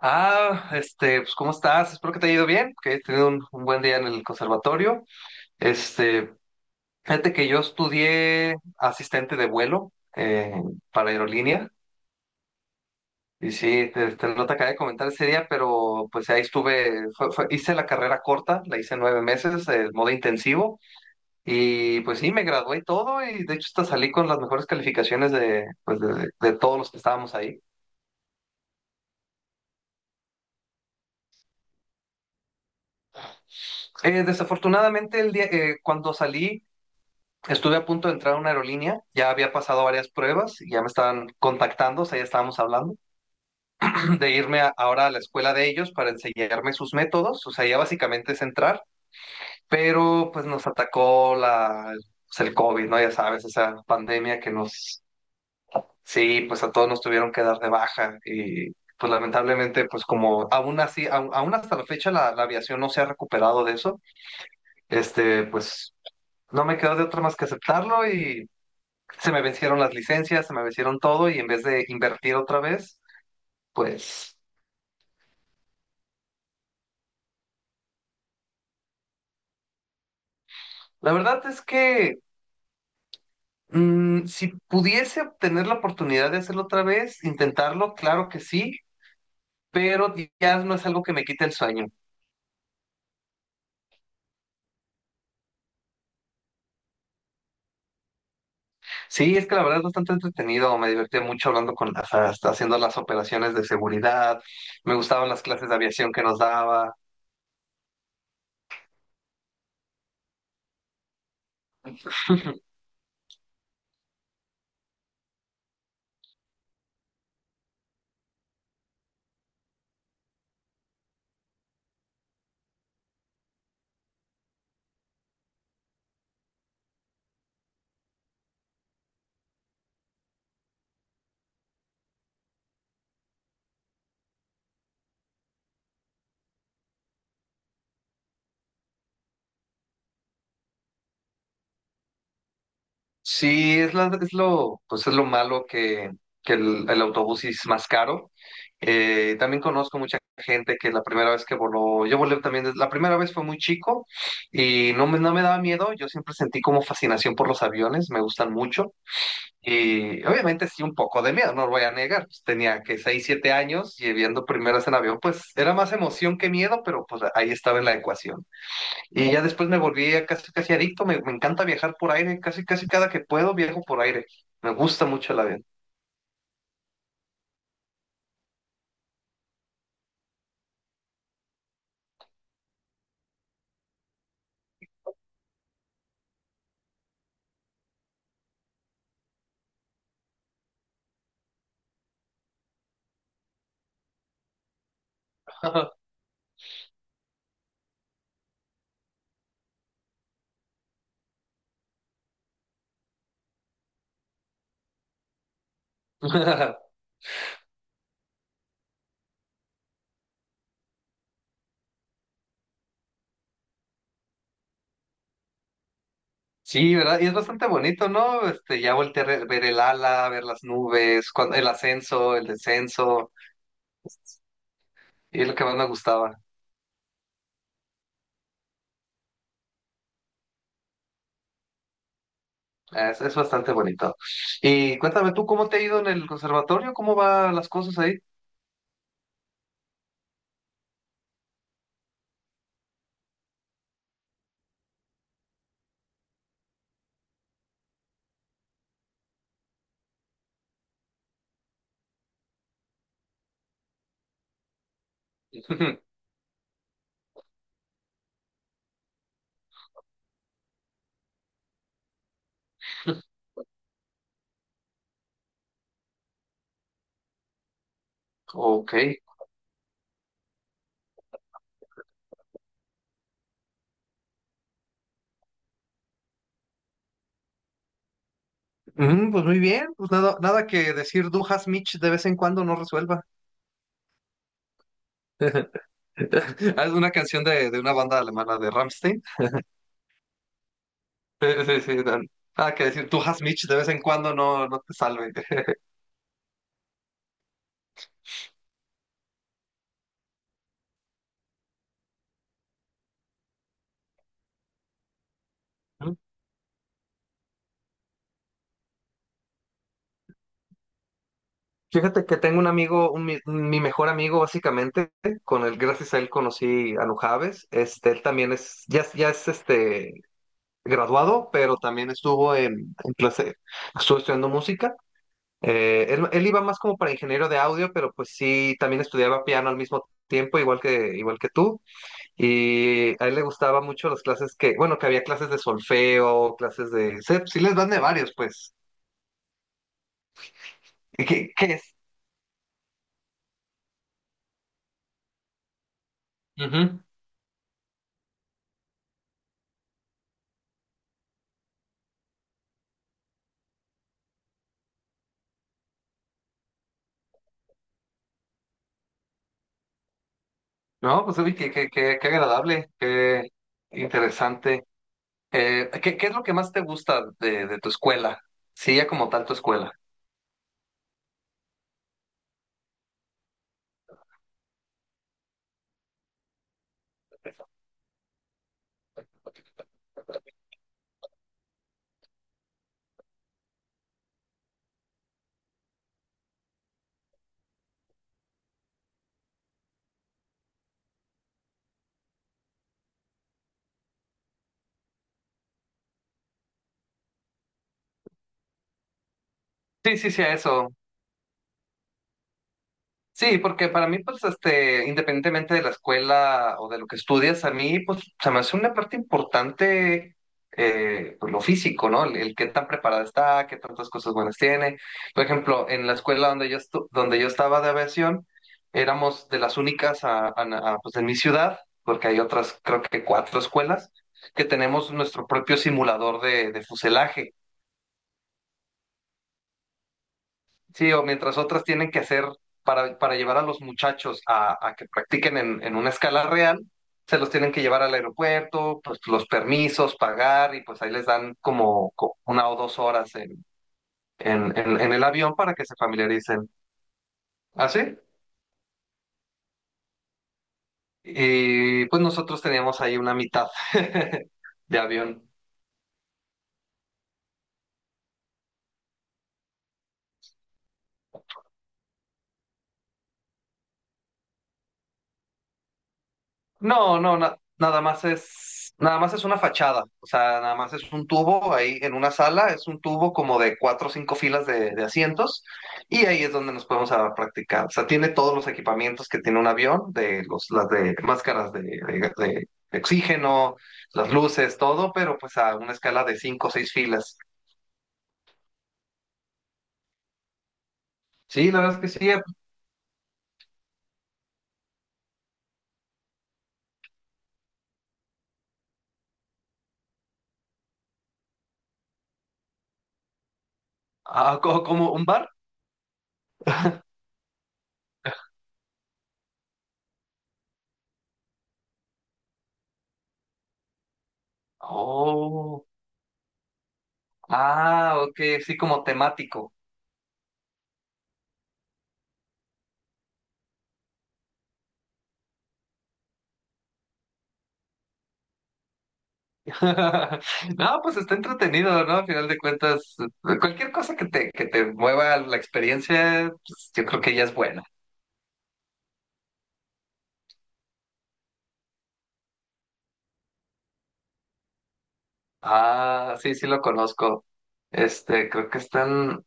Ah, este, pues, ¿cómo estás? Espero que te haya ido bien, que hayas tenido un buen día en el conservatorio. Este, fíjate que yo estudié asistente de vuelo para aerolínea y sí, no te acabé de comentar ese día, pero pues ahí estuve, hice la carrera corta, la hice 9 meses, el modo intensivo y pues sí, me gradué y todo, y de hecho hasta salí con las mejores calificaciones de, pues, de todos los que estábamos ahí. Desafortunadamente el día, cuando salí... Estuve a punto de entrar a una aerolínea, ya había pasado varias pruebas, y ya me estaban contactando, o sea, ya estábamos hablando, de ahora a la escuela de ellos para enseñarme sus métodos, o sea, ya básicamente es entrar, pero pues nos atacó la, pues, el COVID, ¿no? Ya sabes, esa pandemia que nos, sí, pues a todos nos tuvieron que dar de baja, y pues lamentablemente, pues como aún así, aún hasta la fecha la aviación no se ha recuperado de eso, este, pues no me quedó de otra más que aceptarlo, y se me vencieron las licencias, se me vencieron todo, y en vez de invertir otra vez, pues la verdad es que si pudiese obtener la oportunidad de hacerlo otra vez, intentarlo, claro que sí, pero ya no es algo que me quite el sueño. Sí, es que la verdad es bastante entretenido, me divertí mucho hablando con las, hasta haciendo las operaciones de seguridad, me gustaban las clases de aviación que nos daba. Sí, es, es lo, pues es lo malo que el autobús es más caro. También conozco mucha gente que la primera vez que voló, yo volé también, la primera vez fue muy chico y no me daba miedo, yo siempre sentí como fascinación por los aviones, me gustan mucho, y obviamente sí un poco de miedo, no lo voy a negar, pues, tenía que 6, 7 años y viendo primeras en avión, pues era más emoción que miedo, pero pues ahí estaba en la ecuación. Y ya después me volví a casi casi adicto, me encanta viajar por aire, casi casi cada que puedo viajo por aire. Me gusta mucho el avión. Sí, ¿verdad? Y es bastante bonito, ¿no? Este, ya volteé a ver el ala, ver las nubes, el ascenso, el descenso, y es lo que más me gustaba. Es bastante bonito. Y cuéntame tú, ¿cómo te ha ido en el conservatorio? ¿Cómo van las cosas ahí? Ok. Mm, pues muy bien, pues nada, nada que decir Dujas Mitch de vez en cuando no resuelva. Es una canción de una banda alemana de Rammstein. Sí, sí, sí. Dan. Ah, que decir, tú has Mitch, de vez en cuando no, no te salve. Fíjate que tengo un amigo, un mi mejor amigo básicamente, con el gracias a él conocí a Nujaves. Este, él también es, ya, ya es este graduado, pero también estuvo en estuvo estudiando música. Él iba más como para ingeniero de audio, pero pues sí, también estudiaba piano al mismo tiempo, igual que tú. Y a él le gustaba mucho las clases que, bueno, que había clases de solfeo, clases de... Sí, sí les dan de varios, pues. ¿Y ¿qué, qué es? Ujú. No, pues uy, qué agradable, qué interesante. ¿Qué, qué es lo que más te gusta de tu escuela? Sí, ya como tal tu escuela. Sí, sí, sí, a eso. Sí, porque para mí, pues, este, independientemente de la escuela o de lo que estudias, a mí, pues, se me hace una parte importante, pues, lo físico, ¿no? El qué tan preparada está, qué tantas cosas buenas tiene. Por ejemplo, en la escuela donde yo donde yo estaba de aviación, éramos de las únicas pues, en mi ciudad, porque hay otras, creo que 4 escuelas, que tenemos nuestro propio simulador de fuselaje. Sí, o mientras otras tienen que hacer para llevar a los muchachos a que practiquen en una escala real, se los tienen que llevar al aeropuerto, pues los permisos, pagar, y pues ahí les dan como, 1 o 2 horas en el avión para que se familiaricen. ¿Así? Y pues nosotros teníamos ahí una mitad de avión. No, no, nada más es, nada más es una fachada, o sea, nada más es un tubo ahí en una sala, es un tubo como de cuatro o cinco filas de asientos, y ahí es donde nos podemos a practicar. O sea, tiene todos los equipamientos que tiene un avión, de los, las de máscaras de, de oxígeno, las luces, todo, pero pues a una escala de cinco o seis filas. Sí, la verdad es que sí, ah, como un bar. Oh, ah, ok, sí, como temático. No, pues está entretenido, ¿no? Al final de cuentas, cualquier cosa que te mueva la experiencia, pues, yo creo que ya es buena. Ah, sí, sí lo conozco. Este, creo que están,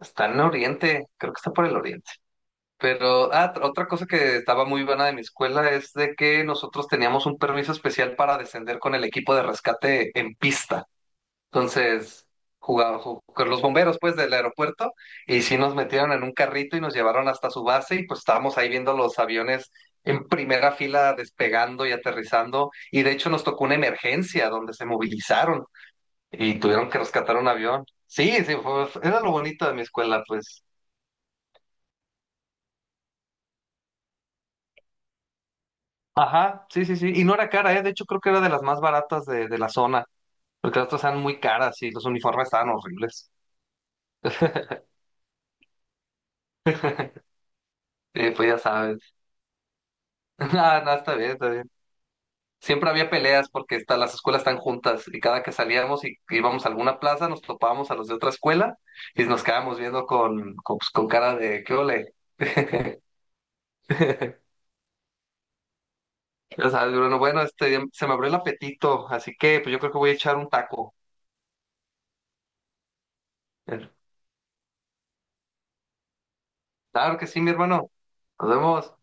están en Oriente, creo que está por el Oriente. Pero, ah, otra cosa que estaba muy buena de mi escuela es de que nosotros teníamos un permiso especial para descender con el equipo de rescate en pista. Entonces, jugaba, con los bomberos, pues, del aeropuerto, y sí nos metieron en un carrito y nos llevaron hasta su base, y pues estábamos ahí viendo los aviones en primera fila despegando y aterrizando, y de hecho nos tocó una emergencia donde se movilizaron y tuvieron que rescatar un avión. Sí, sí, era lo bonito de mi escuela, pues. Ajá, sí, sí, sí, y no era cara, ¿eh? De hecho, creo que era de las más baratas de la zona, porque las otras eran muy caras y los uniformes estaban horribles. Sí, pues ya sabes. Nada, nada, está bien, está bien. Siempre había peleas porque las escuelas están juntas y cada que salíamos y íbamos a alguna plaza nos topábamos a los de otra escuela y nos quedábamos viendo con, pues, con cara de ¿qué ole? O sea, bueno, bueno, este, se me abrió el apetito, así que pues yo creo que voy a echar un taco. Claro que sí, mi hermano. Nos vemos.